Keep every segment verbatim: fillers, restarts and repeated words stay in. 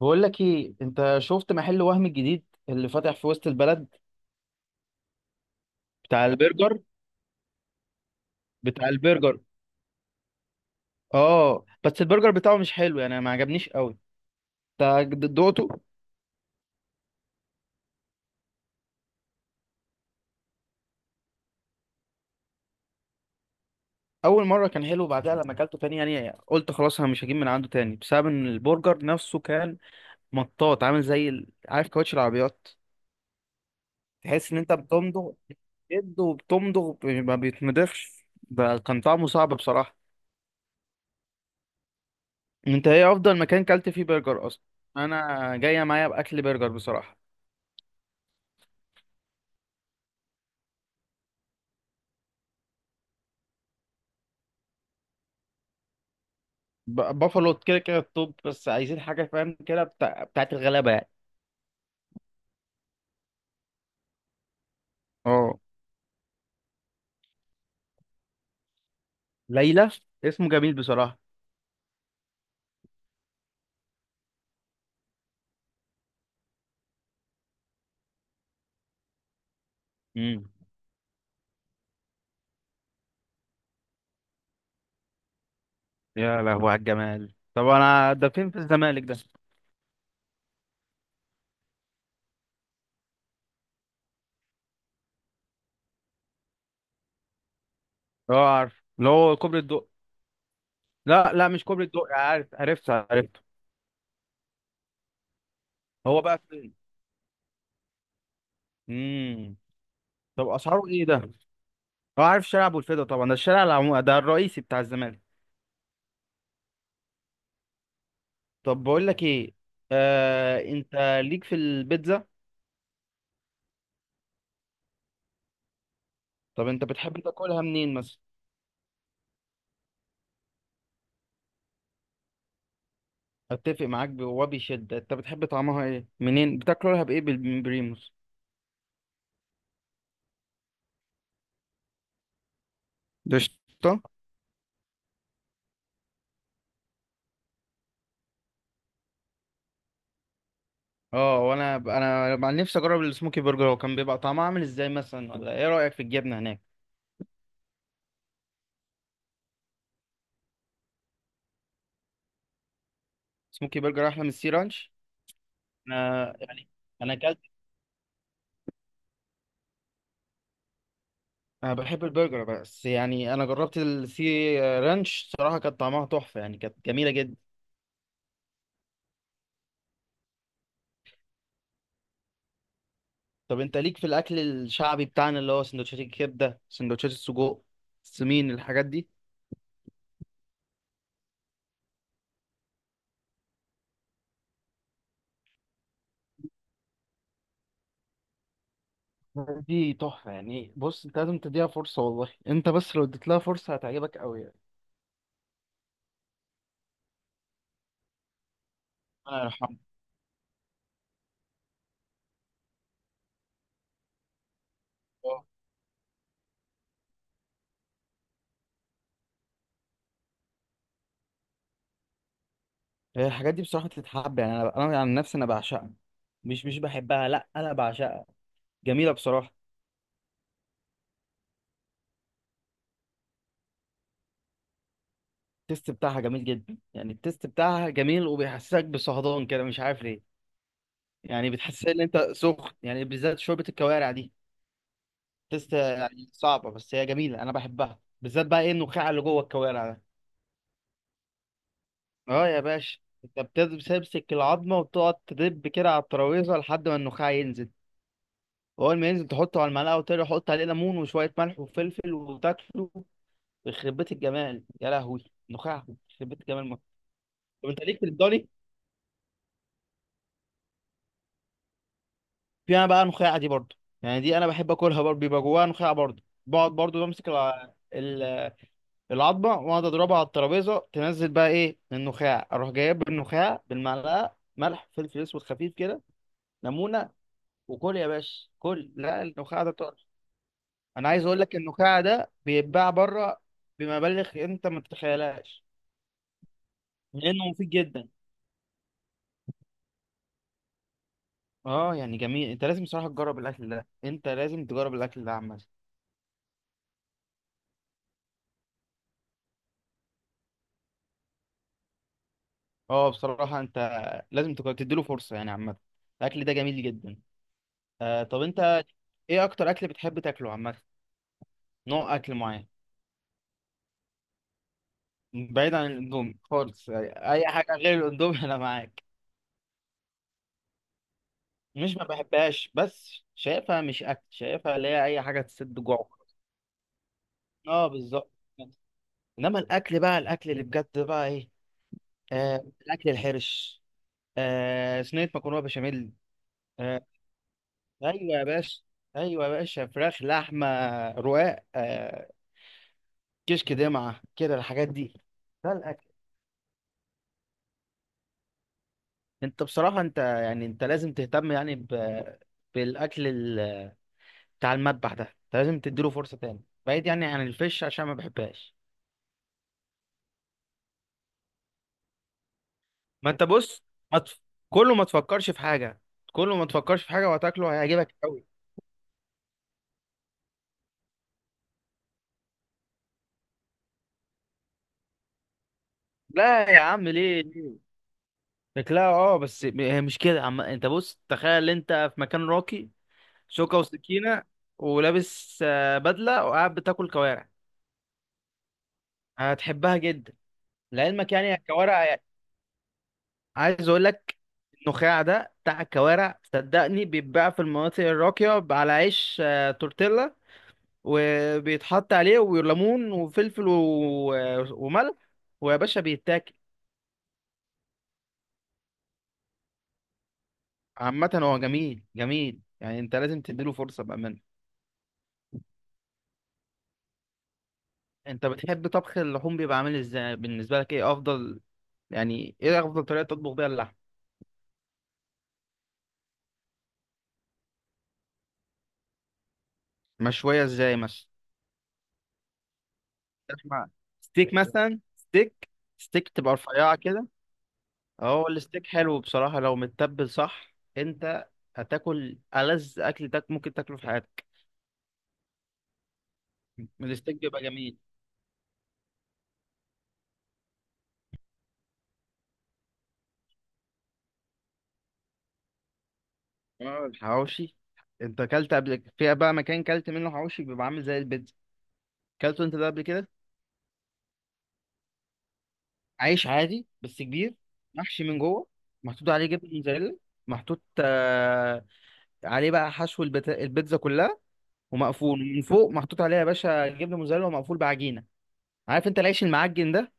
بقول لك ايه، انت شفت محل وهم الجديد اللي فاتح في وسط البلد بتاع البرجر؟ بتاع البرجر اه بس البرجر بتاعه مش حلو يعني، ما عجبنيش قوي. انت دقته؟ اول مره كان حلو، بعدها لما اكلته تاني يعني قلت خلاص، انا مش هجيب من عنده تاني، بسبب ان البرجر نفسه كان مطاط، عامل زي ال- عارف كاوتش العربيات. تحس ان انت بتمضغ، بتشد وبتمضغ ما بيتمضغش. ده كان طعمه صعب بصراحه. انت ايه افضل مكان كلت فيه برجر اصلا؟ انا جايه معايا باكل برجر بصراحه. ب- بافالو كده كده التوب، بس عايزين حاجة فاهم كده بتاع... بتاعت الغلابة يعني. اه ليلى، اسمه جميل بصراحة. امم يا لهوي على الجمال. طب انا، ده فين في الزمالك ده؟ اه عارف اللي هو كوبري الدق، لا لا مش كوبري الدق، عارف عرفت عرفت. هو بقى فين؟ امم طب اسعاره ايه ده؟ اه عارف شارع ابو الفدا طبعا، ده الشارع العمو... ده الرئيسي بتاع الزمالك. طب بقول لك ايه، آه انت ليك في البيتزا؟ طب انت بتحب تاكلها منين مثلا؟ اتفق معاك ب- وبشدة، انت بتحب طعمها ايه؟ منين بتاكلها؟ بايه؟ بال- من بريموس؟ ده قشطة. اه، وانا انا مع نفسي اجرب السموكي برجر، هو كان بيبقى طعمه عامل ازاي مثلا؟ ولا ايه رايك في الجبنه هناك؟ سموكي برجر احلى من السي رانش؟ انا يعني، انا اكلت، انا بحب البرجر بس يعني انا جربت السي رانش صراحه، كانت طعمها تحفه يعني، كانت جميله جدا. طب انت ليك في الاكل الشعبي بتاعنا، اللي هو سندوتشات الكبده، سندوتشات السجق، السمين، الحاجات دي؟ دي تحفة يعني، بص انت لازم تديها فرصة، والله انت بس لو اديت لها فرصة هتعجبك قوي يعني. ربنا يرحمه. آه. هي الحاجات دي بصراحة تتحب يعني، انا انا عن نفسي انا بعشقها، مش مش بحبها، لا انا بعشقها، جميلة بصراحة. التست بتاعها جميل جدا يعني، التست بتاعها جميل وبيحسسك بصهدان كده، مش عارف ليه. يعني بتحس ان انت سخن يعني، بالذات شوربة الكوارع دي. تست يعني صعبة بس هي جميلة، انا بحبها، بالذات بقى ايه النخاع اللي جوه الكوارع ده. اه يا باشا. انت بتمسك العظمه وتقعد تدب كده على الترابيزه لحد ما النخاع ينزل، واول ما ينزل تحطه على المعلقه وتقعد تحط عليه ليمون وشويه ملح وفلفل وتاكله. يخرب بيت الجمال يا لهوي! نخاع يخرب بيت الجمال موت. طب انت ليك في الضاني؟ فيها بقى نخاع دي برضه، يعني دي انا بحب اكلها برضه، بيبقى جواها نخاع برضه، بقعد برضه بمسك الع- ال- العظمه واقعد اضربها على الترابيزه، تنزل بقى ايه النخاع، اروح جايب النخاع بالمعلقه، ملح، فلفل اسود خفيف كده، ليمونه، وكل يا باشا كل، لا النخاع ده طار. انا عايز اقول لك النخاع ده بيتباع بره بمبالغ انت ما تتخيلهاش، لانه مفيد جدا. اه يعني جميل، انت لازم بصراحه تجرب الاكل ده، انت لازم تجرب الاكل ده عامه. اه بصراحه انت لازم تج- تديله فرصه يعني عامه، الاكل ده جميل جدا. آه طب انت، ايه اكتر اكل بتحب تاكله عامه؟ نوع اكل معين؟ بعيد عن الاندومي خالص يعني، اي حاجه غير الاندومي انا معاك. مش ما بحبهاش بس شايفها مش اكل، شايفها اللي هي اي حاجه تسد جوع. اه بالظبط. انما الاكل بقى، الاكل اللي بجد بقى ايه؟ آه الاكل الحرش، آه صينيه مكرونه بشاميل، آه، ايوه يا باشا، ايوه يا باشا، فراخ، لحمه، رقاق، آه، كشك، دمعه كده، الحاجات دي، ده الاكل. انت بصراحه، انت يعني انت لازم تهتم يعني ب... بالاكل ال... بتاع المذبح ده، انت لازم تديله فرصه تاني، بعيد يعني عن الفش عشان ما بحبهاش. ما انت بص، ما تف... كله ما تفكرش في حاجه، كله ما تفكرش في حاجه وهتاكله هيعجبك قوي. لا يا عم، ليه ليه؟ شكلها اه بس م- هي مش كده عم، انت بص تخيل انت في مكان راقي، شوكة وسكينة ولابس آه بدلة وقاعد بتاكل كوارع، هتحبها جدا. لعلمك يعني الكوارع، عايز اقول لك النخاع ده بتاع الكوارع، صدقني بيتباع في المناطق الراقية على عيش آه تورتيلا، وبيتحط عليه وليمون وفلفل و... وملح، ويا باشا بيتاكل. عامة هو جميل جميل يعني، انت لازم تديله فرصة بأمانة. انت بتحب طبخ اللحوم بيبقى عامل ازاي بالنسبه لك؟ ايه افضل يعني، ايه افضل طريقه تطبخ بيها اللحم؟ مشويه ازاي مثلا؟ لحمة، ستيك مثلا، ستيك، ستيك تبقى رفيعه كده. اه الستيك حلو بصراحه، لو متبل صح انت هتاكل ألذ اكل تاك ممكن تاكله في حياتك. الستيك بيبقى جميل. اه الحواوشي، انت اكلت قبل فيها بقى؟ مكان كلت منه حواوشي بيبقى عامل زي البيتزا، اكلته انت ده قبل كده؟ عيش عادي بس كبير، محشي من جوه، محطوط عليه جبنه موتزاريلا، محطوط آه عليه بقى حشو البت- البيتزا كلها، ومقفول من فوق محطوط عليها يا باشا جبنه موتزاريلا، ومقفول بعجينه. عارف انت العيش المعجن ده؟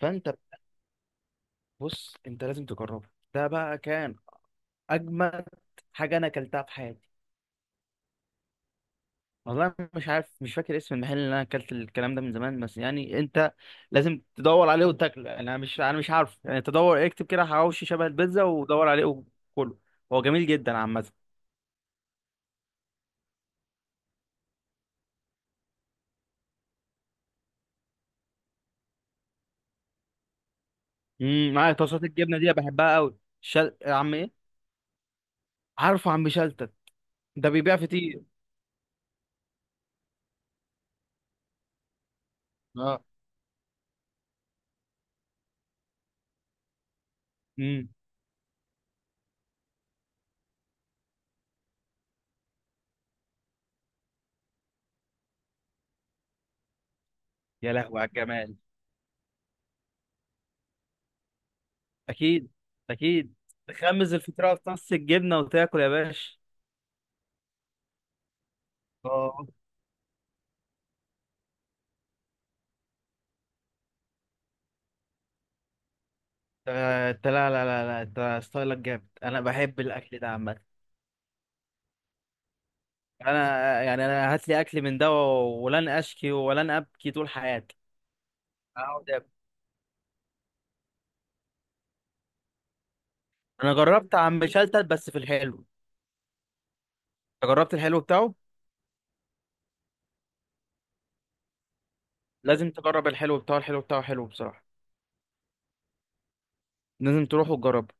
فانت بص، انت لازم تجربه، ده بقى كان اجمد حاجه انا اكلتها في حياتي. والله مش عارف، مش فاكر اسم المحل اللي انا اكلت الكلام ده، من زمان، بس يعني انت لازم تدور عليه وتاكله يعني، انا مش، انا مش عارف يعني، تدور اكتب كده حواوشي شبه البيتزا، ودور عليه وكله. هو جميل جدا عامه. امم معايا طاسات الجبنه دي، أنا بحبها قوي. شل... عم ايه؟ عارفه عم شلتت، ده بيبيع فطير. اه. امم. يا لهوي على الجمال. اكيد. اكيد، تخمز الفطيره في طاسه الجبنه وتاكل يا باشا. اه انت. أنت، لا لا لا لا، انت ستايلك جامد، انا بحب الاكل ده عامه. انا يعني، انا هات لي اكل من ده ولن اشكي ولن ابكي طول حياتي، أقعد أبكي. انا جربت عم شلتت بس في الحلو، جربت الحلو بتاعه. لازم تجرب الحلو بتاعه، الحلو بتاعه حلو بصراحة، لازم تروح وتجرب.